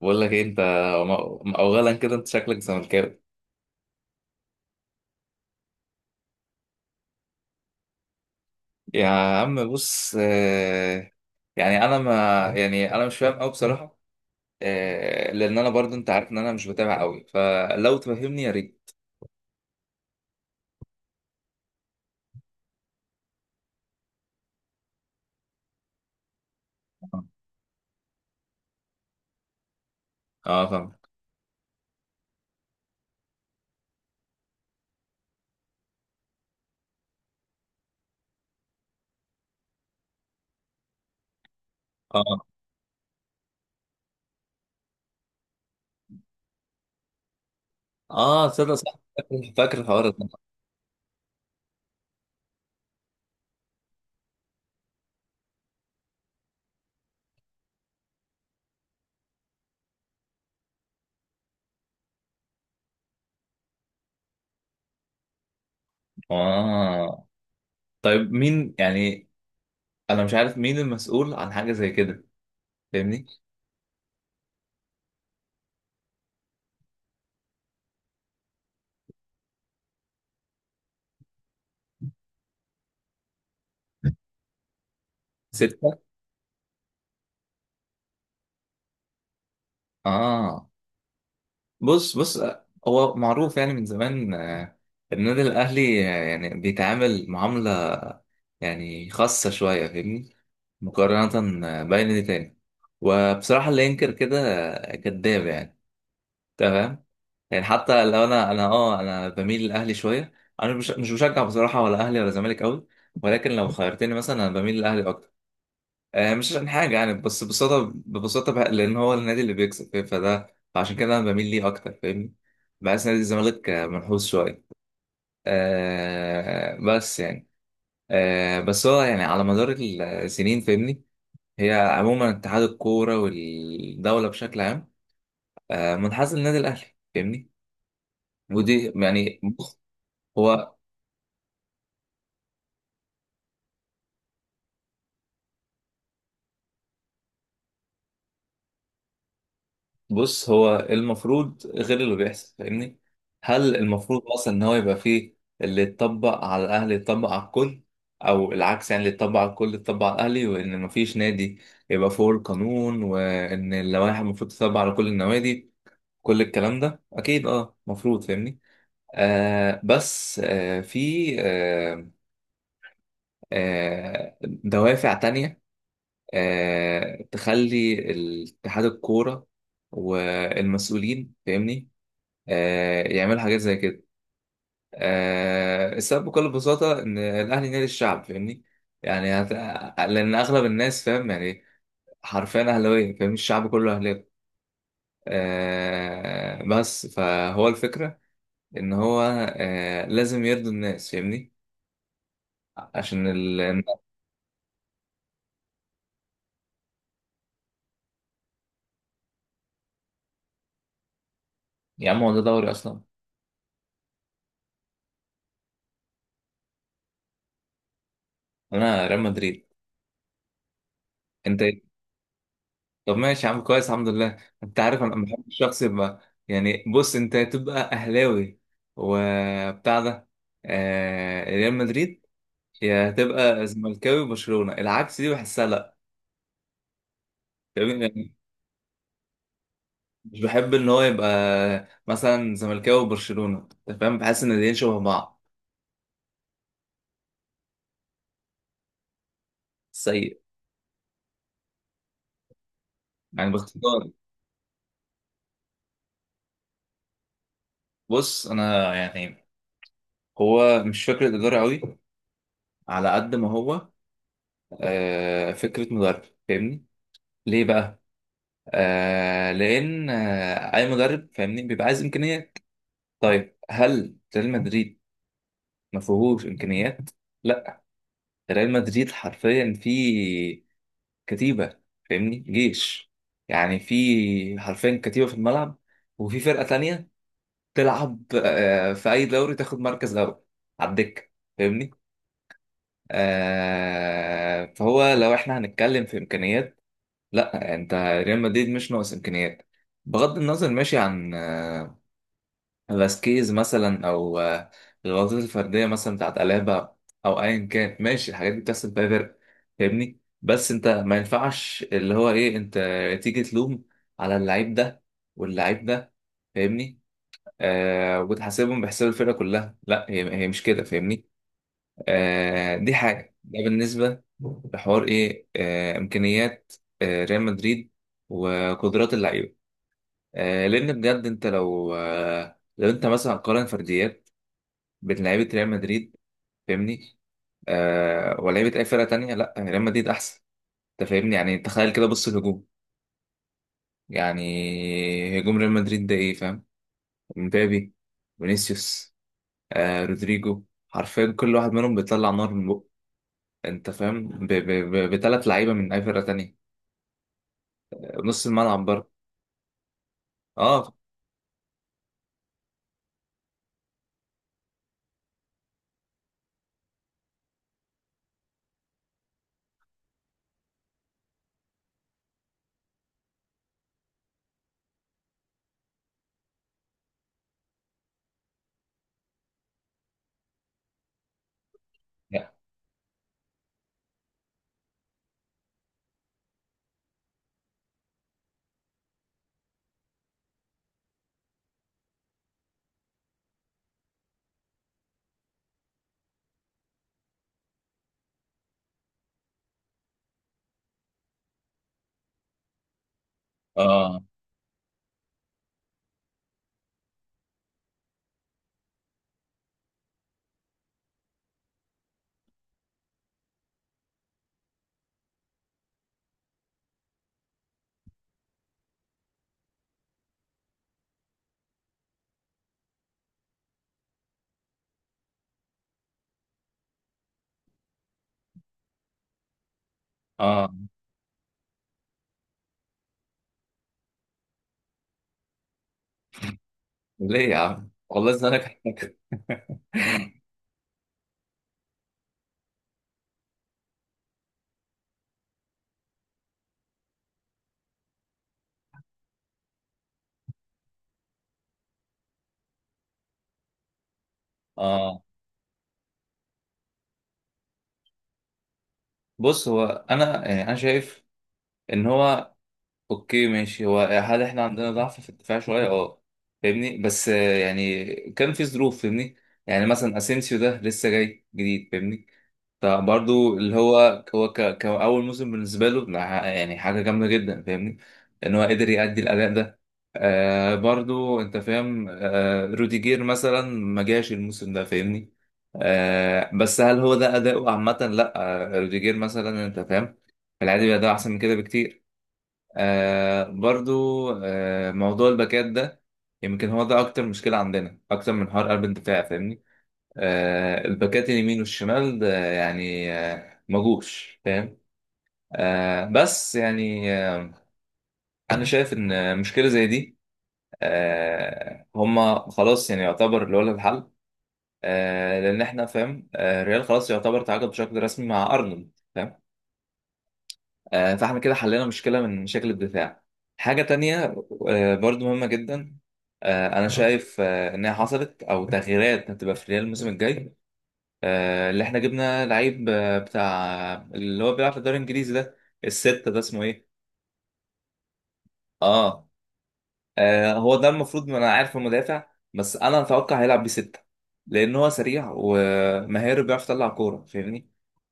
بقول لك ايه انت؟ اولا كده انت شكلك زملكاوي. يا عم بص، يعني انا ما يعني انا مش فاهم قوي بصراحه. لان انا برضو، انت عارف ان انا مش بتابع قوي، فلو تفهمني يا ريت. اه، فاهم. اه. اه، تصدق صح. فاكر الحوار ده. اه طيب، مين يعني؟ انا مش عارف مين المسؤول عن حاجه زي كده، فاهمني؟ سته. اه. بص بص، هو معروف يعني من زمان، النادي الأهلي يعني بيتعامل معاملة يعني خاصة شوية، فاهمني، مقارنة بأي نادي تاني. وبصراحة اللي ينكر كده كذاب يعني. تمام. يعني حتى لو أنا بميل للأهلي شوية. أنا مش بشجع بصراحة، ولا أهلي ولا زمالك أوي. ولكن لو خيرتني مثلا، أنا بميل للأهلي أكتر. مش عشان حاجة يعني، بس ببساطة بقى، لأن هو النادي اللي بيكسب فاهم، فده فعشان كده أنا بميل ليه أكتر، فاهمني؟ بحس نادي الزمالك منحوس شوية. بس يعني، بس هو يعني على مدار السنين، فاهمني. هي عموما اتحاد الكورة والدولة بشكل عام منحاز للنادي الأهلي، فاهمني. ودي يعني بص، هو بص، هو المفروض غير اللي بيحصل، فاهمني. هل المفروض اصلا ان هو يبقى فيه اللي يتطبق على الاهلي يتطبق على الكل، او العكس. يعني اللي يتطبق على الكل يتطبق على الاهلي، وان مفيش نادي يبقى فوق القانون، وان اللوائح المفروض تتطبق على كل النوادي. كل الكلام ده اكيد اه مفروض، فاهمني. بس في دوافع تانية تخلي اتحاد الكورة والمسؤولين، فاهمني، يعملوا حاجات زي كده. السبب بكل بساطة إن الأهلي نادي الشعب، فاهمني. يعني هت... لأن أغلب الناس فاهم يعني حرفيا أهلاوية، فاهم الشعب كله أهلاوي. بس فهو الفكرة إن هو لازم يرضي الناس، فاهمني، عشان ال... يا عم، هو ده دوري أصلا؟ أنا ريال مدريد. أنت طب ماشي يا عم كويس، الحمد لله. انت عارف، انا بحب الشخص يبقى يعني بص، انت تبقى اهلاوي وبتاع ده ريال مدريد، يا تبقى زملكاوي وبرشلونة. العكس دي بحسها لا، فاهمني؟ يعني، مش بحب ان هو يبقى مثلا زملكاوي وبرشلونة، انت فاهم، بحس ان الاتنين شبه بعض. سيء يعني، باختصار. بص انا يعني هو مش فكرة ادارة قوي على قد ما هو فكرة مدرب، فاهمني. ليه بقى؟ لان اي مدرب، فاهمني، بيبقى عايز امكانيات. طيب هل ريال مدريد ما فيهوش امكانيات؟ لا. ريال مدريد حرفيا فيه كتيبه، فاهمني، جيش يعني. في حرفيا كتيبه في الملعب، وفي فرقه تانية تلعب في اي دوري تاخد مركز غلبة على الدكه، فاهمني. فهو لو احنا هنتكلم في امكانيات، لا انت ريال مدريد مش ناقص امكانيات. بغض النظر ماشي، عن فاسكيز مثلا او الغلطات الفرديه مثلا بتاعت الابا، او ايا كان ماشي، الحاجات دي بتحصل فيها فرق، فاهمني. بس انت ما ينفعش اللي هو ايه انت تيجي تلوم على اللعيب ده واللعيب ده، فاهمني. وتحاسبهم بحساب الفرقه كلها، لا هي مش كده، فاهمني. دي حاجه. ده بالنسبه لحوار ايه، امكانيات ريال مدريد وقدرات اللعيبه. لان بجد انت لو انت مثلا قارن فرديات بين لعيبه ريال مدريد، فاهمني، ولعيبه اي فرقه تانية، لا ريال مدريد احسن. انت فاهمني؟ يعني تخيل كده، بص الهجوم، يعني هجوم ريال مدريد ده ايه فاهم، مبابي، فينيسيوس، رودريجو، حرفيا كل واحد منهم بيطلع نار من بقه. انت فاهم بتلات لعيبه من اي فرقه تانية، نص الملعب برضه. اه. لا. اه. اه، ليه يا عم والله زمانك؟ اه. بص، هو انا شايف ان هو اوكي ماشي. هو هل احنا عندنا ضعف في الدفاع شويه؟ اه، فاهمني. بس يعني كان في ظروف، فاهمني. يعني مثلا اسينسيو ده لسه جاي جديد، فاهمني. فبرضو اللي هو كأول موسم بالنسبه له، لا، يعني حاجه جامده جدا، فاهمني، ان هو قدر يأدي الاداء ده. برضو انت فاهم، روديجير مثلا ما جاش الموسم ده، فاهمني. بس هل هو ده اداؤه عامه؟ لا. روديجير مثلا انت فاهم، في العادي بيأداء احسن من كده بكتير. برضو موضوع الباكات ده، يمكن هو ده أكتر مشكلة عندنا، أكتر من حوار قلب الدفاع، فاهمني. الباكات اليمين والشمال ده يعني مجوش فاهم. بس يعني أنا شايف إن مشكلة زي دي، هما خلاص يعني يعتبر اللي هو لها الحل. لأن إحنا فاهم الريال خلاص يعتبر تعاقد بشكل رسمي مع أرنولد، فاهم؟ فاحنا كده حلينا مشكلة من مشاكل الدفاع. حاجة تانية برضو مهمة جدا. أنا شايف إنها حصلت أو تغييرات هتبقى في ريال الموسم الجاي. اللي إحنا جبنا لعيب بتاع اللي هو بيلعب في الدوري الإنجليزي ده، الستة ده اسمه إيه؟ آه. هو ده المفروض، ما أنا عارف المدافع. بس أنا أتوقع هيلعب بستة، لأن هو سريع ومهاري، بيعرف يطلع كورة، فاهمني؟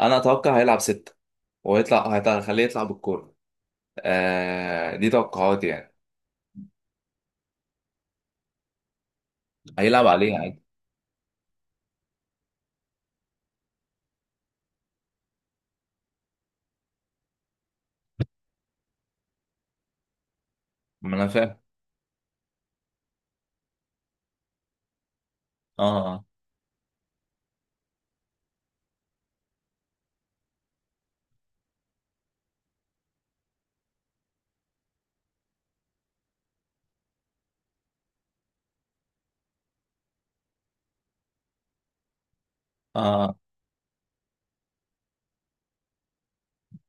أنا أتوقع هيلعب ستة هيخليه يطلع بالكورة. دي توقعاتي يعني. هيلعب عليها عادي. ما انا فاهم. اه. اه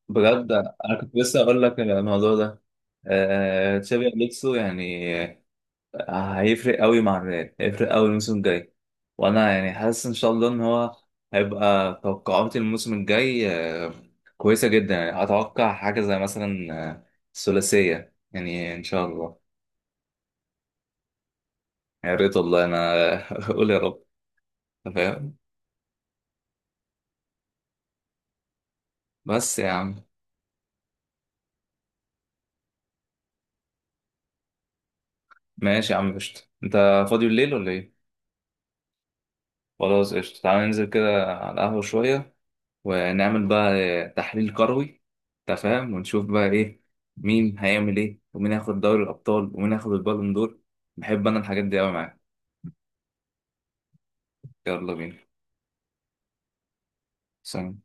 بجد، انا كنت لسه اقول لك الموضوع ده. تشابي الونسو يعني، هيفرق قوي مع الريال، هيفرق قوي الموسم الجاي. وانا يعني حاسس ان شاء الله ان هو هيبقى توقعاتي الموسم الجاي آه، كويسه جدا. يعني اتوقع حاجه زي مثلا الثلاثيه يعني ان شاء الله. يا ريت والله انا اقول يا رب، أنت فاهم. بس يا عم. ماشي يا عم قشطة. انت فاضي الليل ولا ايه؟ خلاص قشطة، تعالى ننزل كده على القهوة شوية ونعمل بقى تحليل كروي، أنت فاهم، ونشوف بقى إيه، مين هيعمل إيه، ومين هياخد دوري الأبطال، ومين هياخد البالون دور. بحب أنا الحاجات دي أوي معاك. يلا بينا. سلام.